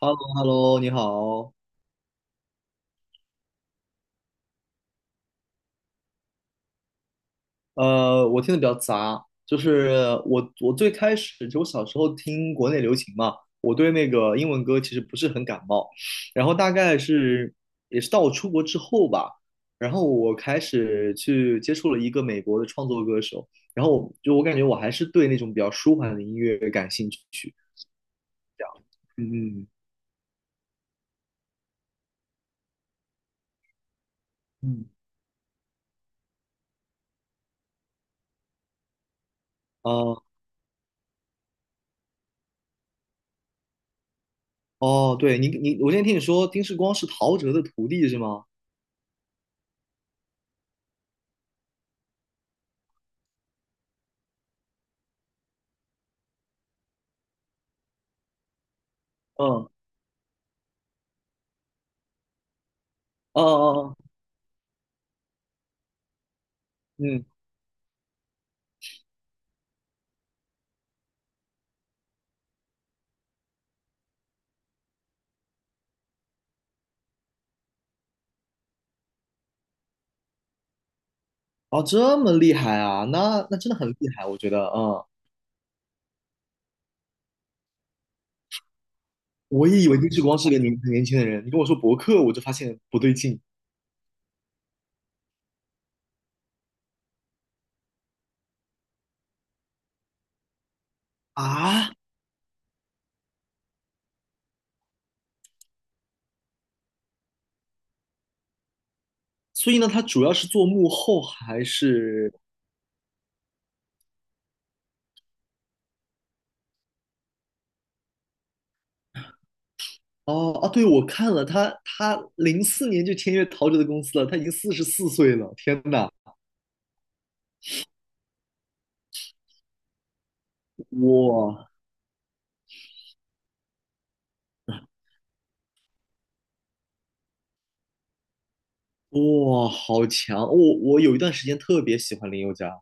h e l l o h e l l o 你好。我听的比较杂，就是我最开始就我小时候听国内流行嘛，我对那个英文歌其实不是很感冒，然后大概是也是到我出国之后吧，然后我开始去接触了一个美国的创作歌手，然后我感觉我还是对那种比较舒缓的音乐感兴趣。嗯嗯，嗯，哦哦，对你，我今天听你说丁世光是陶喆的徒弟是吗？嗯，哦哦哦，嗯。哦，这么厉害啊，那真的很厉害，我觉得，嗯，我也以为丁志光是个很年轻的人，你跟我说博客，我就发现不对劲啊。所以呢，他主要是做幕后还是？哦啊，对，我看了他，他04年就签约陶喆的公司了，他已经44岁了，天呐，哇哇，好强！我有一段时间特别喜欢林宥嘉，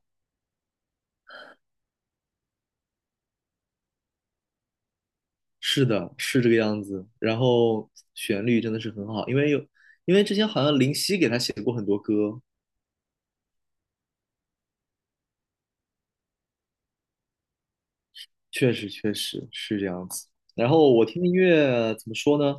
是的，是这个样子。然后旋律真的是很好，因为之前好像林夕给他写过很多歌，确实确实是这样子。然后我听的音乐怎么说呢？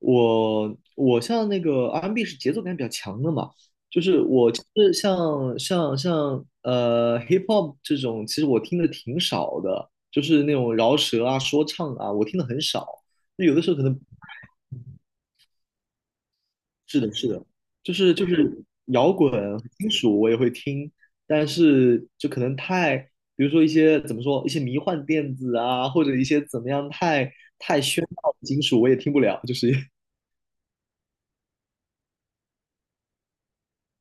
我像那个 R&B 是节奏感比较强的嘛，就是我其实像 hip hop 这种，其实我听的挺少的，就是那种饶舌啊、说唱啊，我听的很少。就有的时候可能是的，是的，就是摇滚、金属我也会听，但是就可能太，比如说一些怎么说，一些迷幻电子啊，或者一些怎么样太喧闹的金属我也听不了，就是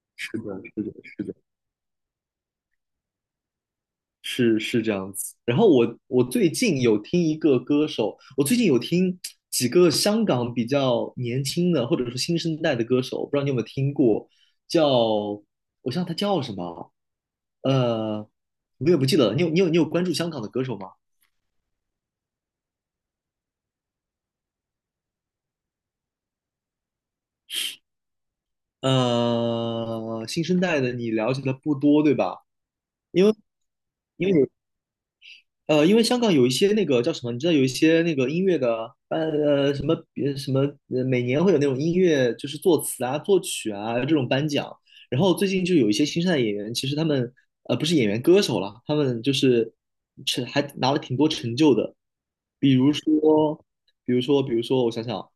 是的，是的，是的，是这样子。然后我最近有听一个歌手，我最近有听几个香港比较年轻的或者说新生代的歌手，不知道你有没有听过，叫我想他叫什么，呃，我也不记得了。你有关注香港的歌手吗？呃，新生代的你了解的不多，对吧？因为因为有因为香港有一些那个叫什么，你知道有一些那个音乐的呃什么呃什么，呃每年会有那种音乐就是作词啊、作曲啊这种颁奖。然后最近就有一些新生代演员，其实他们不是演员歌手了，他们就是还拿了挺多成就的，比如说比如说我想想。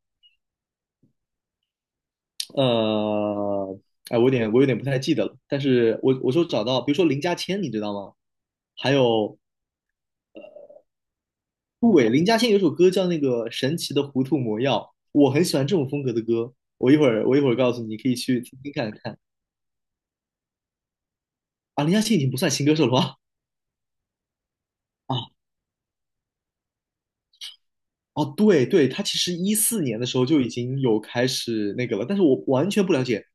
呃，哎，我有点不太记得了，但是我说找到，比如说林家谦，你知道吗？还有杜伟，林家谦有首歌叫那个《神奇的糊涂魔药》，我很喜欢这种风格的歌。我一会儿告诉你，你可以去听听看看啊。林家谦已经不算新歌手了吧？啊哦，对对，他其实14年的时候就已经有开始那个了，但是我完全不了解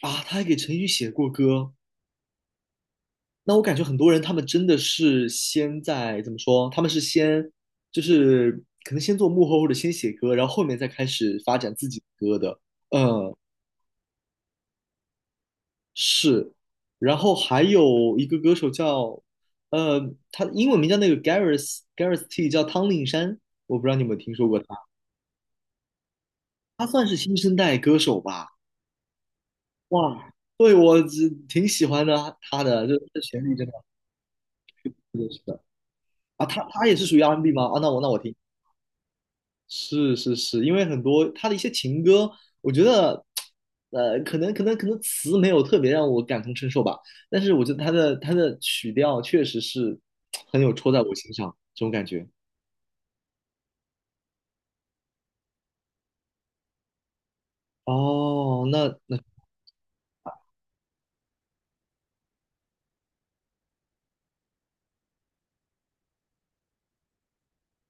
啊。他还给陈奕迅写过歌，那我感觉很多人他们真的是先在怎么说？他们是先就是可能先做幕后或者先写歌，然后后面再开始发展自己的歌的。嗯，是。然后还有一个歌手他英文名叫那个 Gareth T，叫汤令山，我不知道你有没有听说过他，他算是新生代歌手吧。哇，对我只挺喜欢的他的，就这旋律真的，是的，是的，啊，他也是属于 R&B 吗？啊，那我听。是是是，因为很多他的一些情歌，我觉得，呃，可能词没有特别让我感同身受吧，但是我觉得他的曲调确实是很有戳在我心上这种感觉。哦，那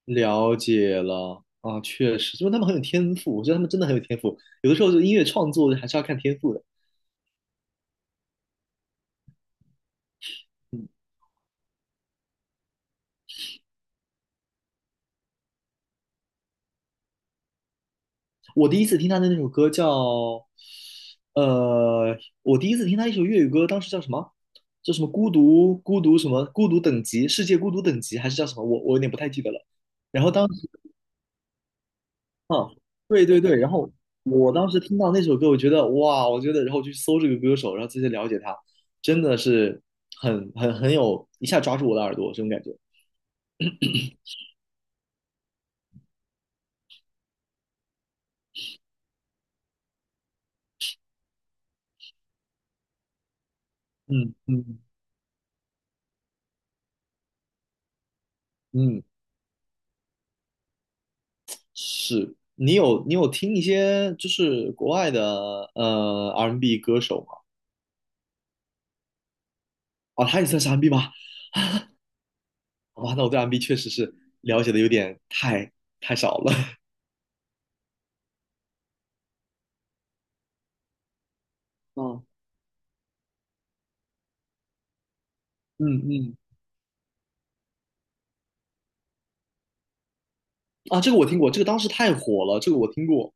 了解了啊，确实，因为他们很有天赋，我觉得他们真的很有天赋，有的时候就音乐创作还是要看天赋的。嗯。我第一次听他的那首歌叫，呃，我第一次听他一首粤语歌，当时叫什么？叫什么孤独孤独什么孤独等级世界孤独等级还是叫什么？我有点不太记得了。然后当时啊，对对对，然后我当时听到那首歌，我觉得哇，我觉得，然后就去搜这个歌手，然后再去了解他，真的是很很很有一下抓住我的耳朵这种感觉。嗯嗯嗯，是你有听一些就是国外的R&B n 歌手吗？哦，他也算是 MB 吗？好吧，那我对 MB 确实是了解的有点太少了。啊，嗯嗯，啊，这个我听过，这个当时太火了，这个我听过。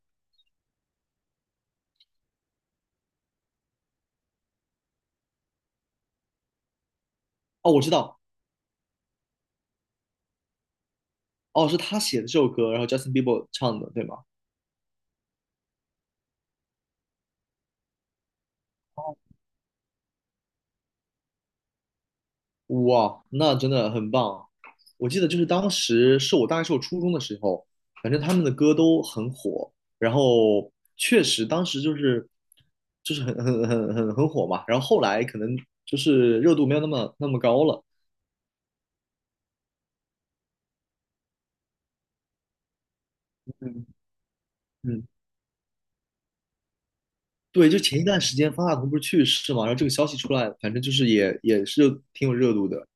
哦，我知道，哦，是他写的这首歌，然后 Justin Bieber 唱的，对吗？哇，那真的很棒。我记得就是当时是我大概是我初中的时候，反正他们的歌都很火，然后确实当时就是很火嘛，然后后来可能就是热度没有那么那么高了。嗯嗯。对，就前一段时间方大同不是去世嘛，然后这个消息出来，反正就是也是挺有热度的。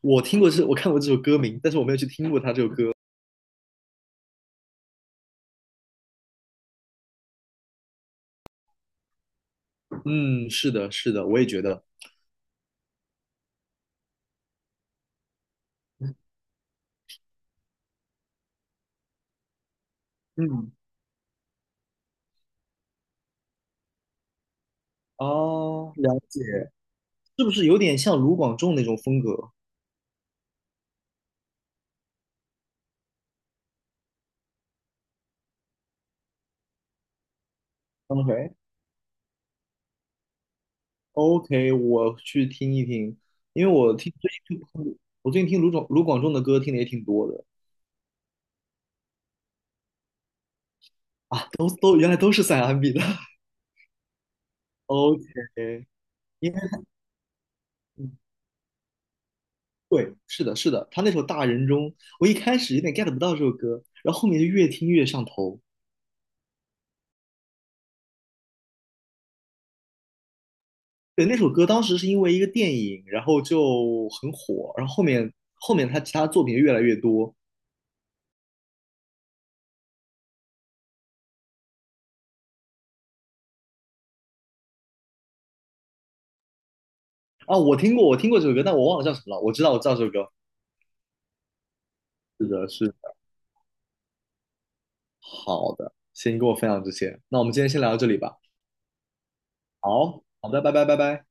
我听过这，我看过这首歌名，但是我没有去听过他这首歌。嗯，是的，是的，我也觉得，嗯，哦，了解，是不是有点像卢广仲那种风格？OK OK，我去听一听，因为我听最近听我最近听卢广仲的歌听的也挺多的，都原来都是三安比的。OK，因为。对，是的，是的，他那首《大人中》，我一开始有点 get 不到这首歌，然后后面就越听越上头。对，那首歌当时是因为一个电影，然后就很火，然后后面他其他作品越来越多啊。我听过，我听过这首歌，但我忘了叫什么了。我知道，我知道这首歌。是的，是的，好的，先跟我分享这些，那我们今天先聊到这里吧。好，好的，拜拜，拜拜。